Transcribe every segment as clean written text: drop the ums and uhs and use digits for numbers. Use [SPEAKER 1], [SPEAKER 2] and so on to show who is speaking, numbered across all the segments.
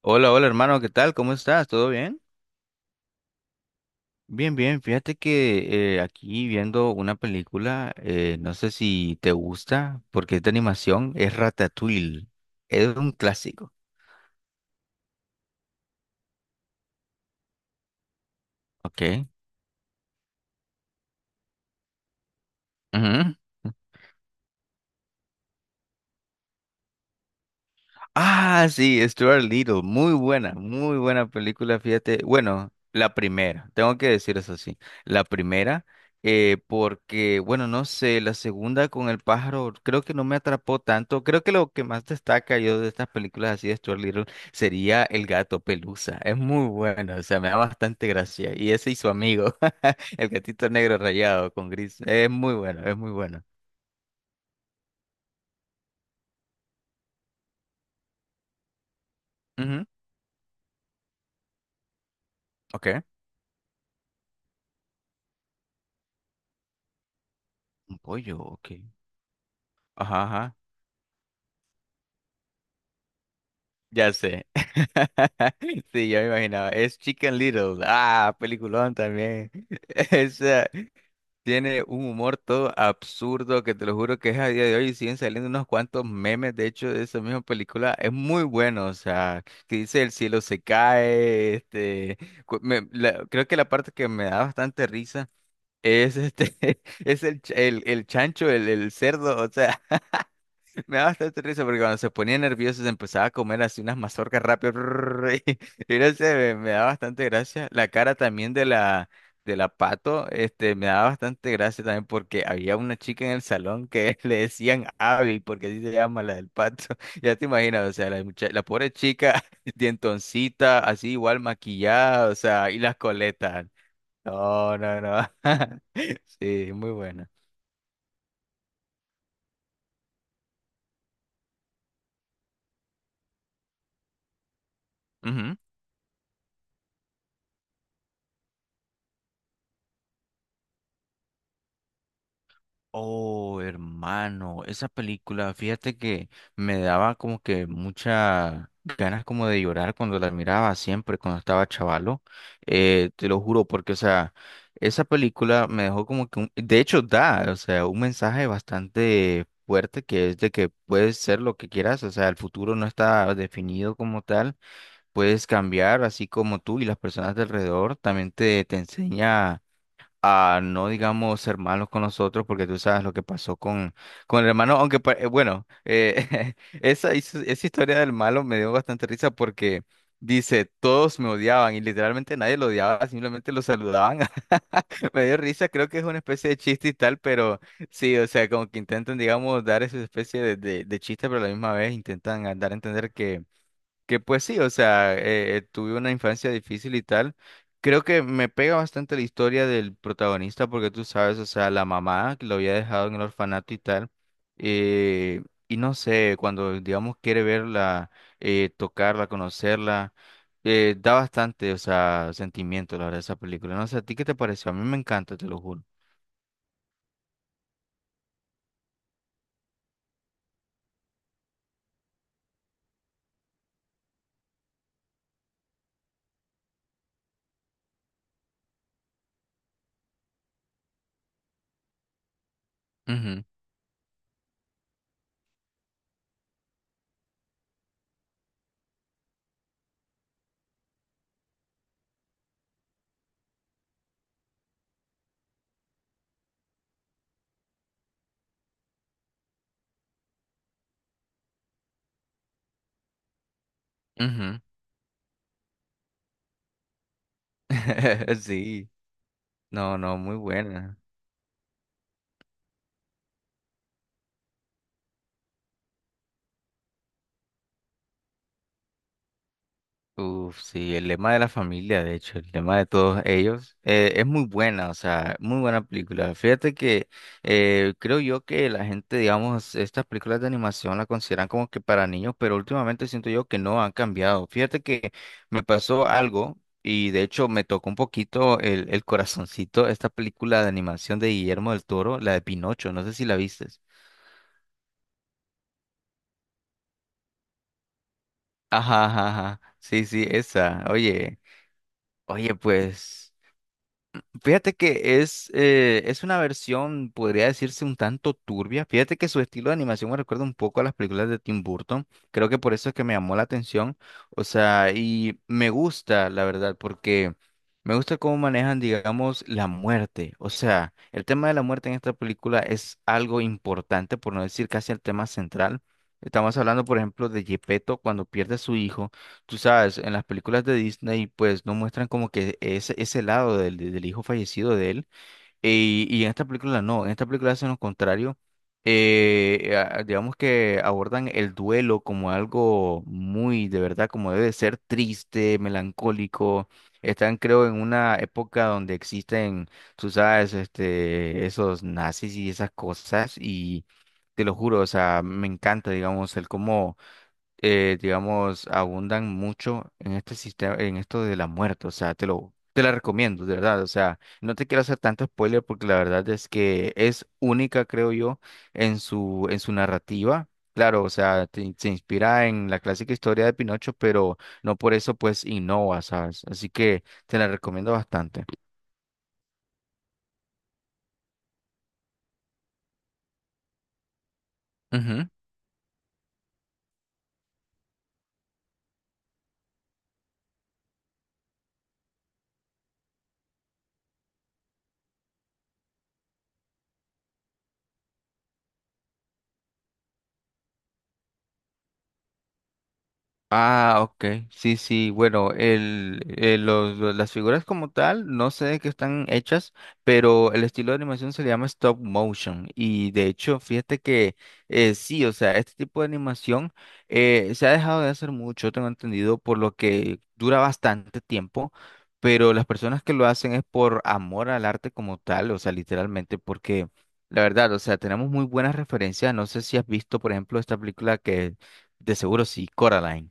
[SPEAKER 1] Hola, hola hermano, ¿qué tal? ¿Cómo estás? ¿Todo bien? Bien, bien. Fíjate que aquí viendo una película, no sé si te gusta, porque es de animación, es Ratatouille. Es un clásico, ok. Ujú. Ah, sí, Stuart Little, muy buena película, fíjate. Bueno, la primera, tengo que decir eso sí, la primera, porque, bueno, no sé, la segunda con el pájaro, creo que no me atrapó tanto. Creo que lo que más destaca yo de estas películas así de Stuart Little sería el gato Pelusa. Es muy bueno, o sea, me da bastante gracia. Y ese y su amigo, el gatito negro rayado con gris, es muy bueno, es muy bueno. Ujú. Ok. Un pollo, ok. Ajá, ajá. Ya sé. Sí, yo me imaginaba. Es Chicken Little. Ah, peliculón también. Esa tiene un humor todo absurdo que te lo juro que es a día de hoy. Y siguen saliendo unos cuantos memes, de hecho, de esa misma película. Es muy bueno. O sea, que dice el cielo se cae. Creo que la parte que me da bastante risa. Es este, es el chancho, el cerdo, o sea, me da bastante risa porque cuando se ponía nervioso se empezaba a comer así unas mazorcas rápido. Y, y no sé, me da bastante gracia. La cara también de la pato, este, me daba bastante gracia también porque había una chica en el salón que le decían Abby, porque así se llama la del pato. Ya te imaginas, o sea, la pobre chica, dientoncita, así igual maquillada, o sea, y las coletas. No, no, no. Sí, muy buena. Ujú. Oh, hermano, esa película, fíjate que me daba como que muchas ganas como de llorar cuando la miraba siempre, cuando estaba chavalo, te lo juro, porque, o sea, esa película me dejó como que, de hecho, da, o sea, un mensaje bastante fuerte que es de que puedes ser lo que quieras, o sea, el futuro no está definido como tal, puedes cambiar, así como tú y las personas de alrededor, también te enseña a no, digamos, ser malos con nosotros, porque tú sabes lo que pasó con el hermano, aunque, bueno, esa, esa historia del malo me dio bastante risa porque dice, todos me odiaban y literalmente nadie lo odiaba, simplemente lo saludaban. Me dio risa, creo que es una especie de chiste y tal, pero sí, o sea, como que intentan, digamos, dar esa especie de chiste, pero a la misma vez intentan dar a entender que pues sí, o sea, tuve una infancia difícil y tal. Creo que me pega bastante la historia del protagonista porque tú sabes, o sea, la mamá que lo había dejado en el orfanato y tal. eh, y no sé, cuando, digamos, quiere verla, tocarla, conocerla, da bastante, o sea, sentimiento, la verdad, esa película. No sé, ¿a ti qué te pareció? A mí me encanta, te lo juro. Ujú, ujú. Sí, no, no, muy buena. Uf, sí, el lema de la familia, de hecho, el lema de todos ellos, es muy buena, o sea, muy buena película. Fíjate que creo yo que la gente, digamos, estas películas de animación la consideran como que para niños, pero últimamente siento yo que no han cambiado. Fíjate que me pasó algo y de hecho me tocó un poquito el corazoncito esta película de animación de Guillermo del Toro, la de Pinocho, no sé si la vistes. Ajá, ajá, ajá. Sí, sí, esa. Oye, oye, pues. Fíjate que es una versión, podría decirse, un tanto turbia. Fíjate que su estilo de animación me recuerda un poco a las películas de Tim Burton. Creo que por eso es que me llamó la atención. O sea, y me gusta, la verdad, porque me gusta cómo manejan, digamos, la muerte. O sea, el tema de la muerte en esta película es algo importante, por no decir casi el tema central. Estamos hablando, por ejemplo, de Gepetto cuando pierde a su hijo. Tú sabes, en las películas de Disney, pues no muestran como que ese lado del, del hijo fallecido de él. Y en esta película no, en esta película hacen lo contrario. Digamos que abordan el duelo como algo muy, de verdad, como debe de ser triste, melancólico. Están, creo, en una época donde existen, tú sabes, este, esos nazis y esas cosas. Y te lo juro, o sea, me encanta, digamos, el cómo digamos, abundan mucho en este sistema, en esto de la muerte. O sea, te lo, te la recomiendo, de verdad. O sea, no te quiero hacer tanto spoiler porque la verdad es que es única, creo yo, en su narrativa. Claro, o sea, se inspira en la clásica historia de Pinocho, pero no por eso pues innova, ¿sabes? Así que te la recomiendo bastante. Ah, ok. Sí, sí. Bueno, el, las figuras como tal, no sé de qué están hechas, pero el estilo de animación se le llama stop motion. Y de hecho, fíjate que sí, o sea, este tipo de animación se ha dejado de hacer mucho, tengo entendido, por lo que dura bastante tiempo. Pero las personas que lo hacen es por amor al arte como tal, o sea, literalmente, porque la verdad, o sea, tenemos muy buenas referencias. No sé si has visto, por ejemplo, esta película que de seguro sí, Coraline.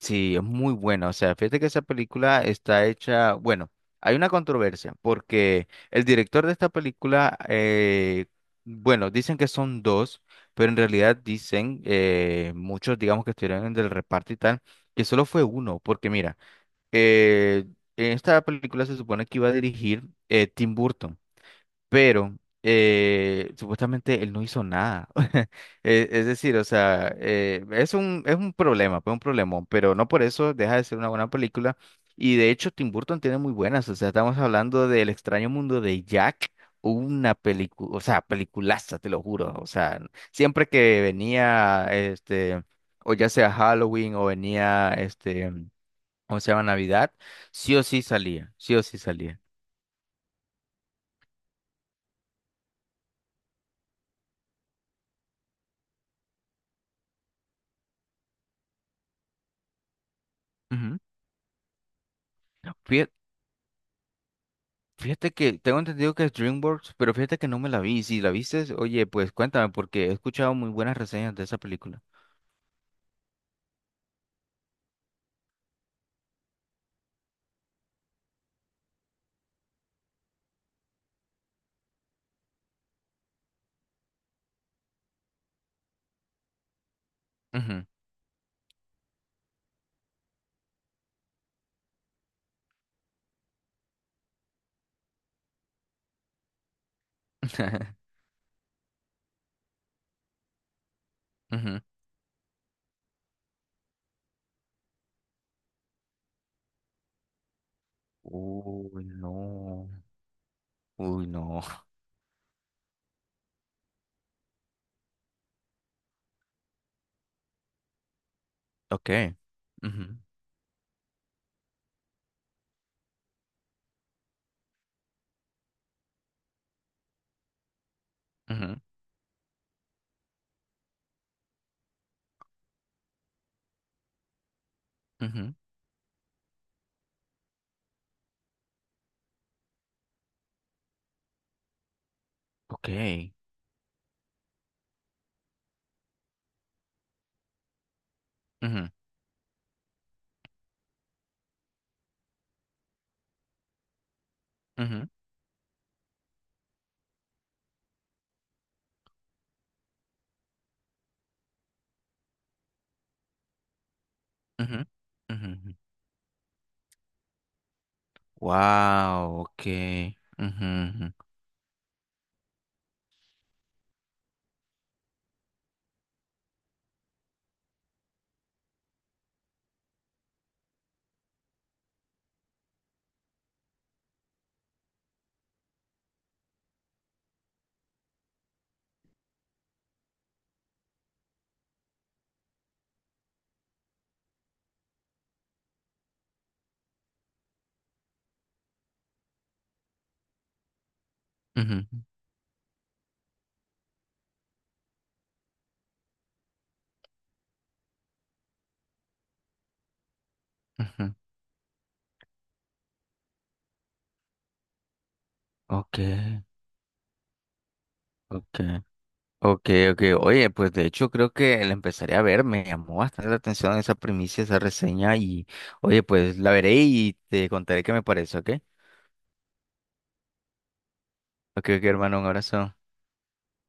[SPEAKER 1] Sí, es muy buena. O sea, fíjate que esa película está hecha, bueno, hay una controversia porque el director de esta película, bueno, dicen que son dos, pero en realidad dicen muchos, digamos, que estuvieron en el reparto y tal, que solo fue uno, porque mira, eh, en esta película se supone que iba a dirigir Tim Burton, pero supuestamente él no hizo nada. Es decir, o sea, es un problema, pues un problemón, pero no por eso deja de ser una buena película. Y de hecho, Tim Burton tiene muy buenas, o sea, estamos hablando del extraño mundo de Jack. Una película, o sea, peliculaza, te lo juro. O sea, siempre que venía, este, o ya sea Halloween o venía, este, o sea, Navidad, sí o sí salía, sí o sí salía. Ujú. Fí- Fíjate que tengo entendido que es DreamWorks, pero fíjate que no me la vi. Si la viste, oye, pues cuéntame, porque he escuchado muy buenas reseñas de esa película. Ujú, ujú. Uy, no. Uy, no. Ok, ujú, ujú, ujú, ok. Ujú, ujú, ujú, ujú, ujú. Wow, ok. Ujú, ujú, ujú, ujú. Ok, ok. Ok, ok. Oye, pues de hecho creo que la empezaré a ver. Me llamó bastante la atención esa primicia, esa reseña y oye, pues la veré y te contaré qué me parece, ¿ok? Ok, ok, hermano, un abrazo.